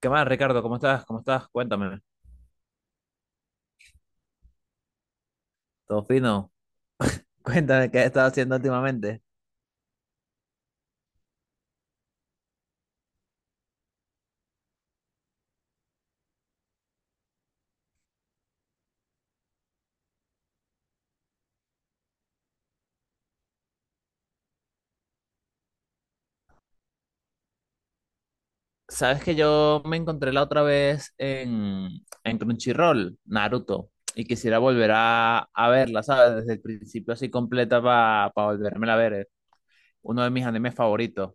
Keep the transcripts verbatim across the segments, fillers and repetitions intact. ¿Qué más, Ricardo? ¿Cómo estás? ¿Cómo estás? Cuéntame. ¿Todo fino? Cuéntame qué has estado haciendo últimamente. Sabes que yo me encontré la otra vez en, en Crunchyroll, Naruto, y quisiera volver a, a verla, ¿sabes? Desde el principio así completa para volverme a ver. eh. Uno de mis animes favoritos.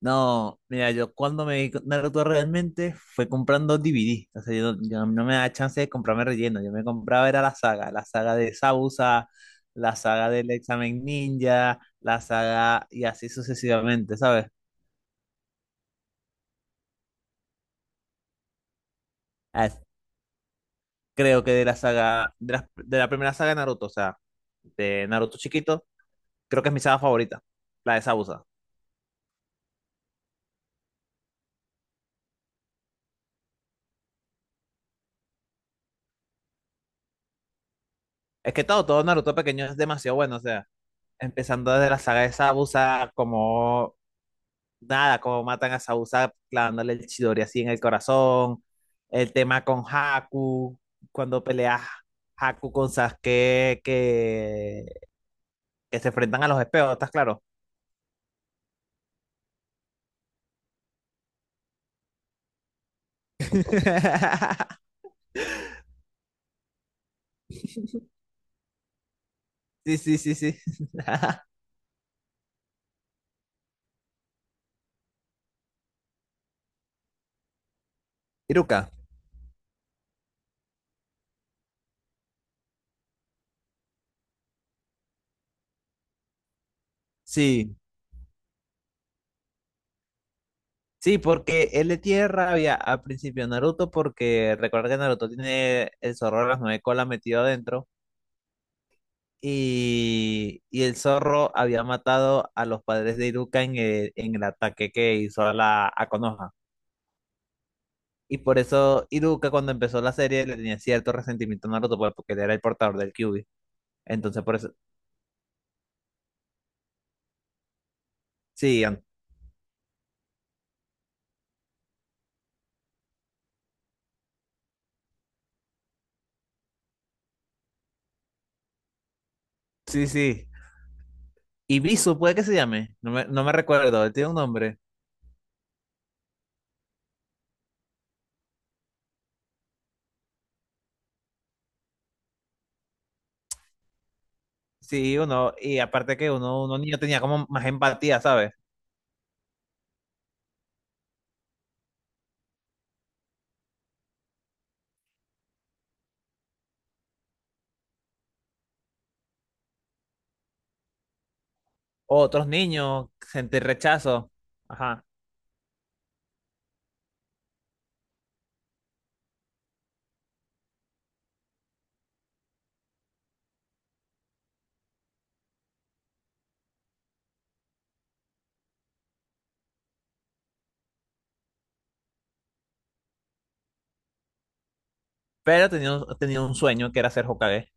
No, mira, yo cuando me vi con Naruto realmente fue comprando D V D. O sea, yo, no yo no me da chance de comprarme relleno. Yo me compraba era la saga, la saga de Sausa, la saga del examen ninja, la saga y así sucesivamente, ¿sabes? Ah, Creo que de la saga, de la, de la primera saga de Naruto, o sea, de Naruto chiquito, creo que es mi saga favorita, la de Sausa. Es que todo, todo Naruto pequeño es demasiado bueno, o sea, empezando desde la saga de Sausa, como nada, como matan a Sausa clavándole el Chidori así en el corazón, el tema con Haku, cuando pelea Haku con Sasuke, que, que se enfrentan a los espejos, ¿estás claro? Sí, sí, sí, sí. Iruka. Sí, sí, porque él le tiene rabia al principio a Naruto, porque recuerda que Naruto tiene el zorro de las nueve colas metido adentro. y, y el zorro había matado a los padres de Iruka en el, en el ataque que hizo a la a Konoha. Y por eso Iruka cuando empezó la serie le tenía cierto resentimiento a Naruto pues, porque él era el portador del Kyuubi. Entonces por eso… Sí, an- sí, sí. Ibisu puede que se llame. No me, no me recuerdo. Él tiene un nombre. Sí, uno. Y aparte que uno, uno niño tenía como más empatía, ¿sabes? Otros niños sentir rechazo. Ajá. Pero tenía, un- tenía un sueño que era ser Hokage.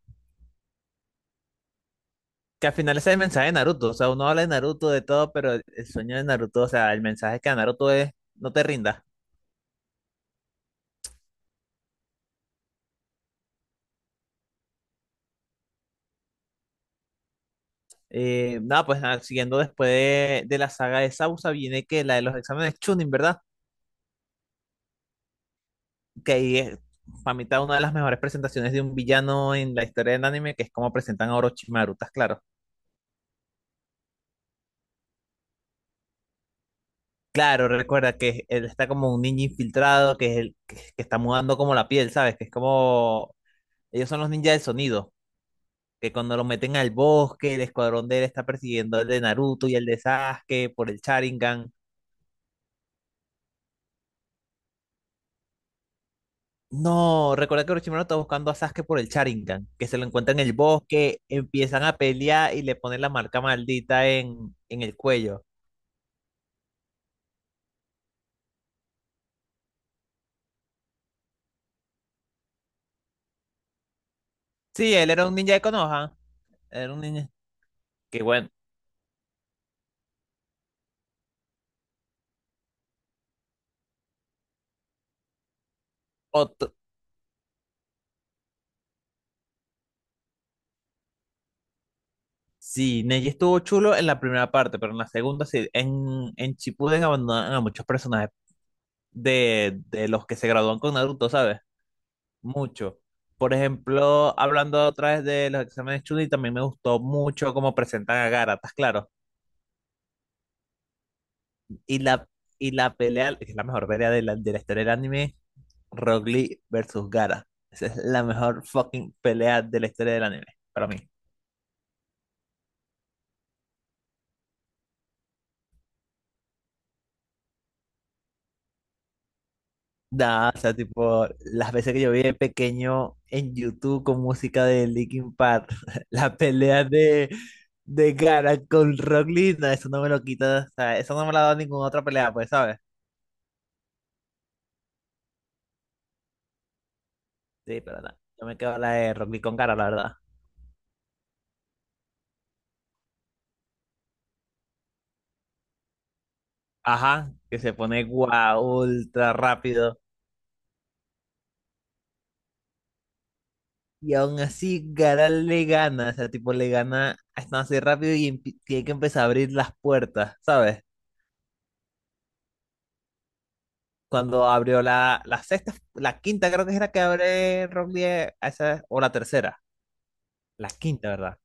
Que al final ese es el mensaje de Naruto, o sea, uno habla de Naruto, de todo, pero el el sueño de Naruto, o sea, el mensaje que da Naruto es, no te rindas. Eh, nada, pues nada, siguiendo después de, de la saga de Sausa, viene que la de los exámenes Chunin, ¿verdad? Que ahí es, para mí, está una de las mejores presentaciones de un villano en la historia del anime, que es como presentan a Orochimaru, ¿estás claro? Claro, recuerda que él está como un ninja infiltrado, que es el que, que está mudando como la piel, ¿sabes? Que es como, ellos son los ninjas del sonido que cuando lo meten al bosque, el escuadrón de él está persiguiendo el de Naruto y el de Sasuke por el Sharingan. No, recuerda que Orochimaru está buscando a Sasuke por el Sharingan, que se lo encuentra en el bosque, empiezan a pelear y le ponen la marca maldita en, en el cuello. Sí, él era un ninja de Konoha, era un ninja. Que bueno, otro- Sí, Neji estuvo chulo en la primera parte, pero en la segunda sí, en, en Shippuden abandonan a muchos personajes de, de los que se gradúan con Naruto, ¿sabes? Mucho. Por ejemplo, hablando otra vez de los exámenes Chunin, también me gustó mucho cómo presentan a Gaara, ¿estás claro? Y la, y la pelea, que es la mejor pelea de la, de la historia del anime, Rock Lee versus Gara. Esa es la mejor fucking pelea de la historia del anime, para mí. Da, o sea, tipo, las veces que yo vi de pequeño en YouTube con música de Linkin Park, la pelea de, de Gara con Rock Lee, no, eso no me lo quita, o sea, eso no me la ha dado ninguna otra pelea, pues, ¿sabes? Sí, pero no, yo me quedo la de Rock Lee con cara, la verdad. Ajá. Que se pone guau, ultra rápido. Y aún así, Garal le gana. O sea, tipo, le gana a así rápido y empi- tiene que empezar a abrir las puertas, ¿sabes? Cuando abrió la, la sexta, la quinta creo que es la que abre Rock Lee, a esa, o la tercera. La quinta, ¿verdad?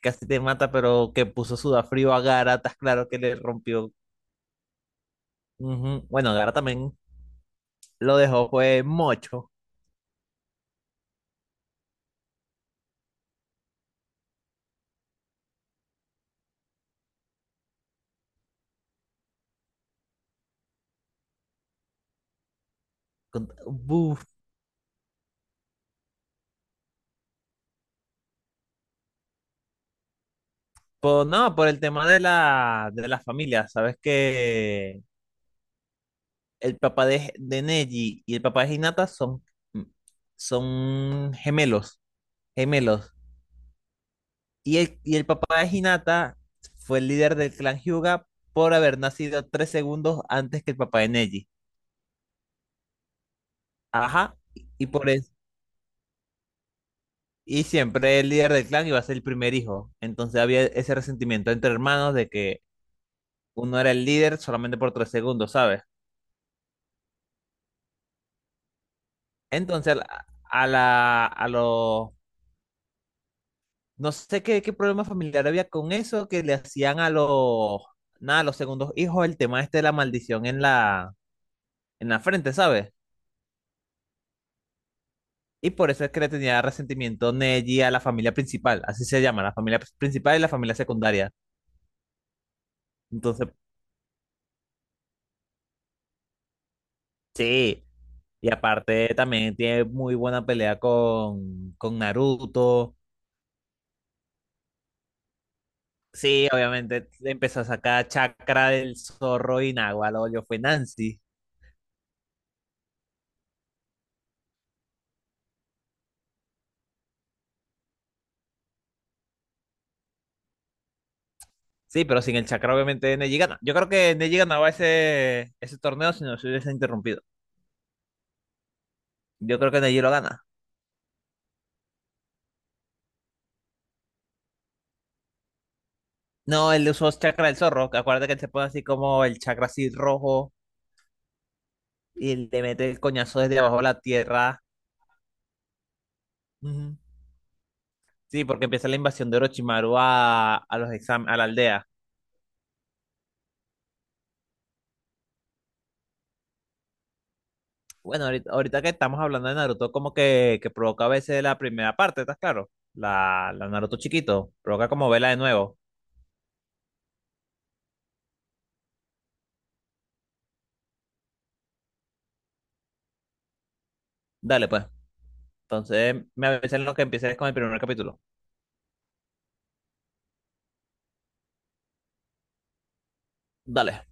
Casi te mata, pero que puso sudafrío a Gara, estás claro que le rompió. Ujú. Bueno, Gara también lo dejó, fue mocho. Con- Buf, Pues no, por el tema de la, de la familia, sabes que el papá de, de Neji y el papá de Hinata son, son gemelos, gemelos. Y el, y el papá de Hinata fue el líder del clan Hyuga por haber nacido tres segundos antes que el papá de Neji. Ajá, y por eso, y siempre el líder del clan iba a ser el primer hijo. Entonces había ese resentimiento entre hermanos de que uno era el líder solamente por tres segundos, ¿sabes? Entonces, a la, a la- a los, no sé qué, qué problema familiar había con eso, que le hacían a los, nada, a los segundos hijos el tema este de la maldición en la, en la frente, ¿sabes? Y por eso es que le tenía resentimiento Neji a la familia principal, así se llama, la familia principal y la familia secundaria. Entonces, sí, y aparte también tiene muy buena pelea con, con Naruto. Sí, obviamente le empezó a sacar chakra del zorro y Nahual, yo fue Nancy. Sí, pero sin el chakra, obviamente, Neji gana. Yo creo que Neji ganaba ese, ese torneo si no se hubiese interrumpido. Yo creo que Neji lo gana. No, él usó chakra del zorro. Que Acuérdate que él se pone así como el chakra así rojo y le mete el coñazo desde abajo de la tierra. Ujú. Sí, porque empieza la invasión de Orochimaru a, a los exam- a la aldea. Bueno, ahorita, ahorita que estamos hablando de Naruto, como que, que provoca a veces la primera parte, ¿estás claro? La, la Naruto chiquito. Provoca como vela de nuevo. Dale, pues. Entonces, me avisan lo que empieces con el primer capítulo. Dale.